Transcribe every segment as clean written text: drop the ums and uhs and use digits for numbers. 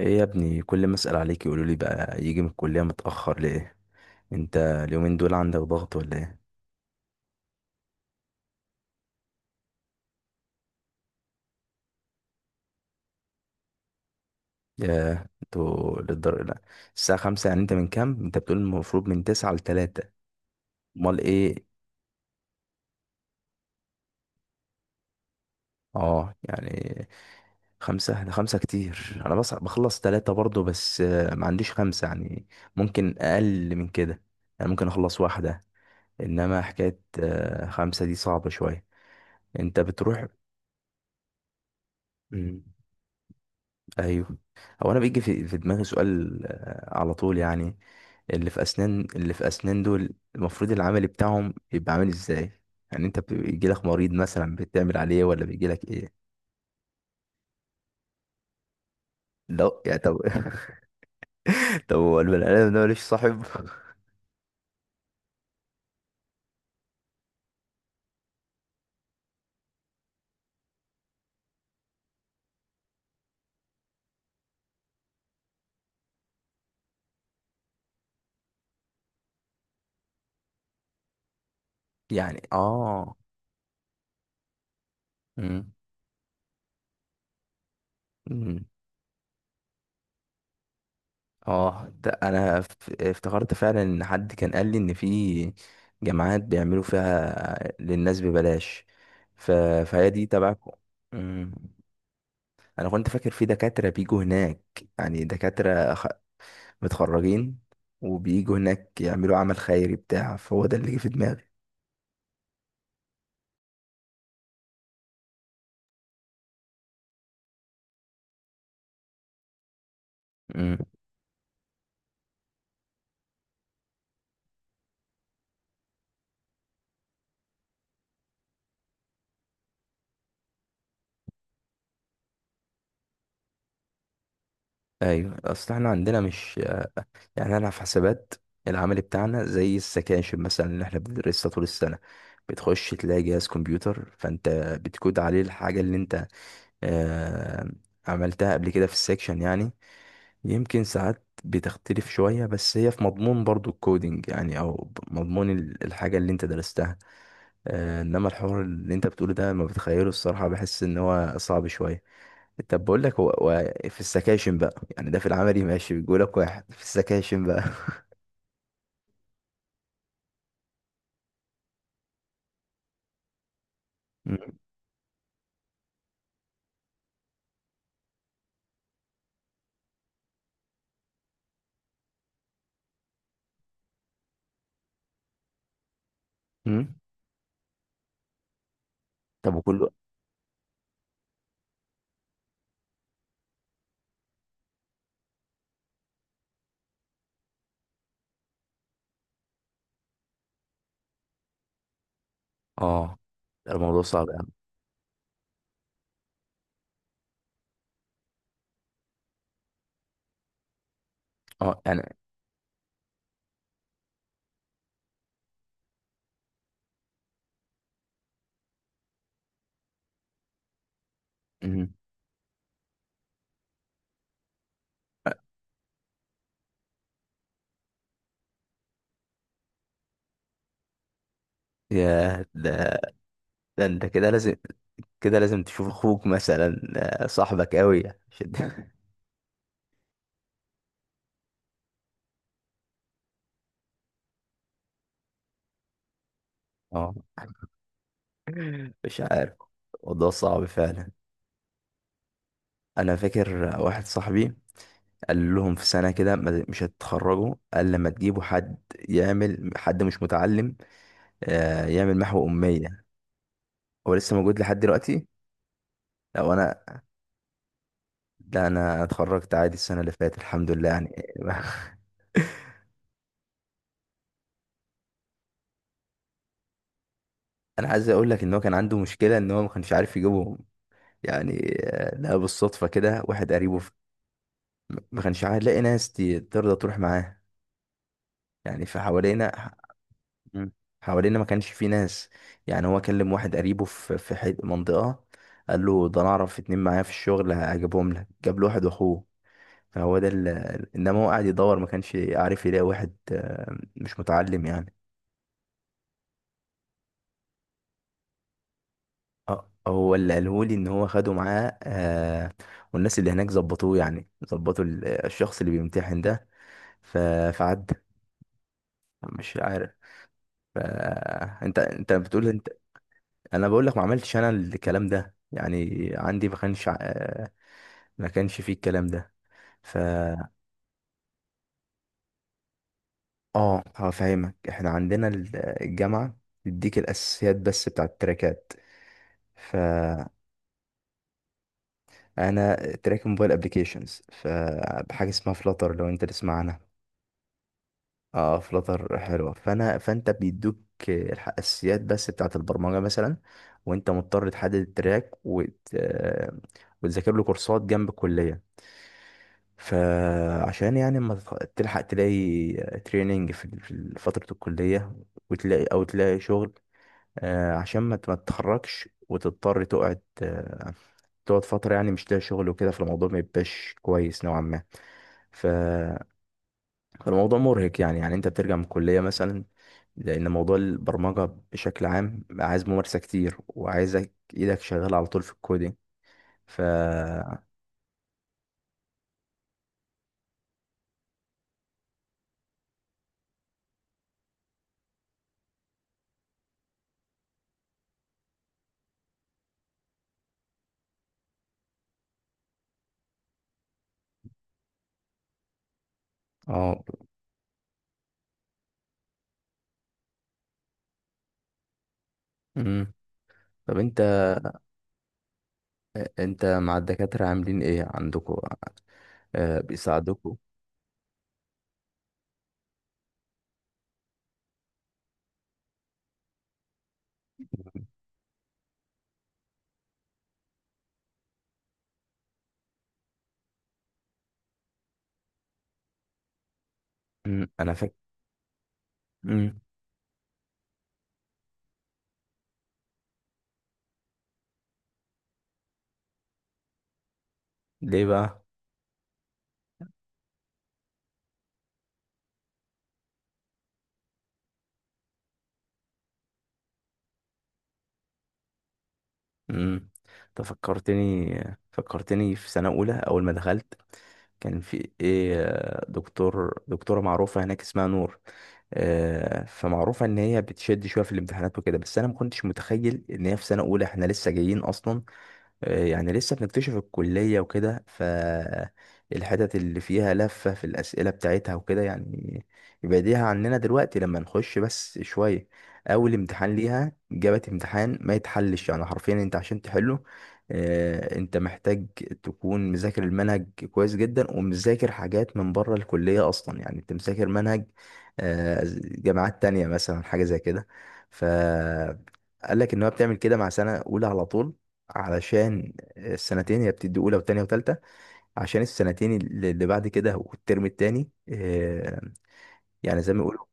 ايه يا ابني، كل ما اسال عليك يقولوا لي بقى يجي من الكليه متاخر ليه؟ انت اليومين دول عندك ضغط ولا ايه؟ يا انتوا للدر لا. الساعه خمسة يعني؟ انت من كام؟ انت بتقول المفروض من تسعة لتلاتة. امال ايه؟ اه يعني، خمسة ده خمسة كتير. انا بص بخلص تلاتة برضو، بس ما عنديش خمسة يعني. ممكن اقل من كده، يعني ممكن اخلص واحدة. انما حكاية خمسة دي صعبة شوية. انت بتروح؟ مم. ايوه. هو انا بيجي في دماغي سؤال على طول يعني. اللي في اسنان دول المفروض العمل بتاعهم يبقى عامل ازاي؟ يعني انت بيجي لك مريض مثلا بتعمل عليه، ولا بيجي لك ايه؟ لا يعني، طب طب هو البني ادم ده ماليش صاحب؟ يعني اه. امم امم اه، ده انا افتكرت فعلا ان حد كان قال لي ان في جامعات بيعملوا فيها للناس ببلاش، ف... فهي دي تبعكم. انا كنت فاكر في دكاترة بيجوا هناك، يعني متخرجين وبيجوا هناك يعملوا عمل خيري بتاع، فهو ده اللي جه في دماغي. امم ايوه، اصل احنا عندنا مش، يعني انا في حسابات. العمل بتاعنا زي السكاشن مثلا اللي احنا بندرسها طول السنه، بتخش تلاقي جهاز كمبيوتر فانت بتكود عليه الحاجه اللي انت آه عملتها قبل كده في السكشن يعني. يمكن ساعات بتختلف شويه، بس هي في مضمون برضو الكودينج يعني، او مضمون الحاجه اللي انت درستها. انما الحوار اللي انت بتقوله ده لما بتخيله، الصراحه بحس ان هو صعب شويه. طب بقول لك، هو في السكاشن بقى، يعني ده في العملي ماشي، بيقول لك واحد في السكاشن بقى. م- م. طب وكله، اه ده الموضوع صعب يعني. اه يعني. م. آه، يا ده، ده انت كده لازم تشوف اخوك مثلا، صاحبك قوي عشان اه، مش عارف. الموضوع صعب فعلا. انا فاكر واحد صاحبي قال لهم في سنة كده مش هتتخرجوا، قال لما تجيبوا حد يعمل، حد مش متعلم، يعمل محو أمية. هو لسه موجود لحد دلوقتي؟ لو أنا، لا أنا اتخرجت عادي السنة اللي فاتت، الحمد لله يعني. أنا عايز أقول لك إن هو كان عنده مشكلة، إن هو ما كانش عارف يجيبهم، يعني لقى بالصدفة كده واحد قريبه ما كانش عارف لاقي ناس ترضى تروح معاه، يعني فحوالينا. مم. حوالينا ما كانش في ناس، يعني هو كلم واحد قريبه في منطقة، قال له ده انا اعرف اتنين معايا في الشغل هجيبهم لك. جاب له واحد واخوه، فهو ده انما هو قاعد يدور ما كانش عارف يلاقي واحد مش متعلم يعني. هو اللي قاله لي ان هو خده معاه، والناس اللي هناك ظبطوه، يعني ظبطوا الشخص اللي بيمتحن ده. ف- فعدى، مش عارف. ف- انت بتقول، انت انا بقول لك ما عملتش انا الكلام ده يعني. عندي ما كانش، فيه الكلام ده. ف اه هفهمك. احنا عندنا الجامعه بتديك الاساسيات بس بتاع التراكات. فانا تراك موبايل ابلكيشنز، فبحاجه اسمها فلاتر، لو انت تسمع عنها. اه، فلاتر حلوه. فانت بيدوك الاساسيات بس بتاعه البرمجه مثلا، وانت مضطر تحدد التراك وتذاكر له كورسات جنب الكليه، فعشان يعني اما تلحق تلاقي تريننج في في فترة الكلية، وتلاقي أو تلاقي شغل، عشان ما ما تتخرجش وتضطر تقعد، تقعد فترة يعني مش لاقي شغل وكده، فالموضوع ما يبقاش كويس نوعا ما. ف- فالموضوع مرهق يعني أنت بترجع من الكلية مثلا، لأن موضوع البرمجة بشكل عام عايز ممارسة كتير، وعايزك إيدك شغالة على طول في الكودينج. ف اه. مم. طب انت، انت مع الدكاترة عاملين ايه عندكوا؟ آه، بيساعدوكوا؟ انا فاكر. ليه بقى؟ مم، انت فكرتني في سنة اولى اول ما دخلت، كان في ايه دكتورة معروفة هناك اسمها نور. فمعروفة ان هي بتشد شوية في الامتحانات وكده، بس انا ما كنتش متخيل ان هي في سنة اولى، احنا لسه جايين اصلا، يعني لسه بنكتشف الكلية وكده، فالحتت اللي فيها لفة في الأسئلة بتاعتها وكده يعني يبعديها عننا دلوقتي لما نخش بس شوية. أول امتحان ليها جابت امتحان ما يتحلش، يعني حرفيا أنت عشان تحله، أنت محتاج تكون مذاكر المنهج كويس جدا ومذاكر حاجات من بره الكلية أصلا. يعني أنت مذاكر منهج جامعات تانية مثلا، حاجة زي كده. ف قال لك ان هو بتعمل كده مع سنه اولى على طول، علشان السنتين، هي بتدي اولى وتانية وتالتة، عشان السنتين اللي بعد كده والترم التاني يعني زي ما يقولوا.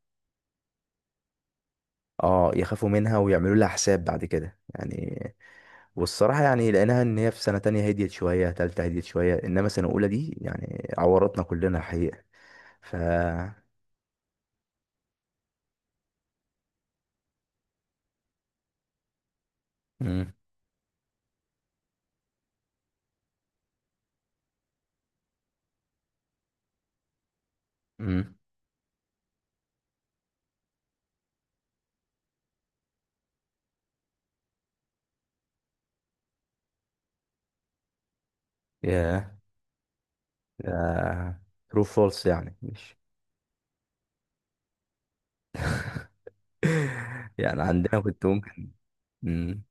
اه، يخافوا منها ويعملوا لها حساب بعد كده يعني. والصراحه يعني لقيناها ان هي في سنه تانية هديت شويه، تالتة هديت شويه، انما سنه اولى دي يعني عورتنا كلنا الحقيقه. ف امم امم يا ترو فولس يعني مش. يعني عندنا كنت ممكن. مم.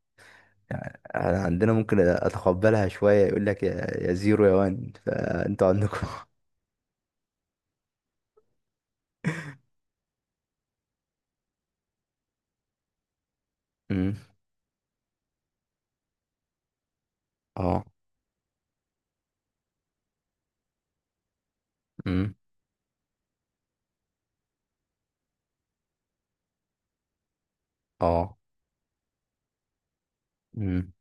يعني احنا عندنا ممكن اتقبلها شوية، يقول لك يا زيرو يا وان، فانتوا عندكم امم. اه. امم. اه. امم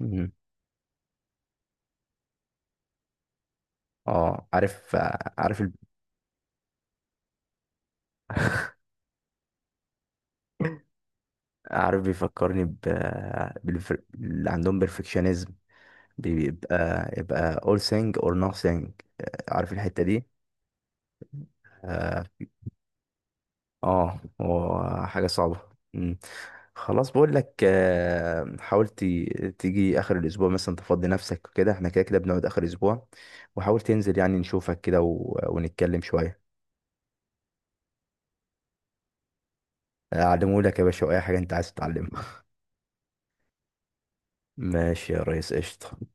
امم. اه، عارف. عارف عارف، بيفكرني ب، اللي عندهم بيرفكشنزم، بيبقى all thing or nothing. عارف الحتة دي؟ آه. اه، هو حاجة صعبة. مم. خلاص، بقول لك حاول تيجي اخر الاسبوع مثلا، تفضي نفسك وكده، احنا كده كده بنقعد اخر اسبوع، وحاول تنزل يعني نشوفك كده ونتكلم شوية. اعلمه لك يا باشا، اي حاجة انت عايز تتعلمها. ماشي يا ريس، قشطة.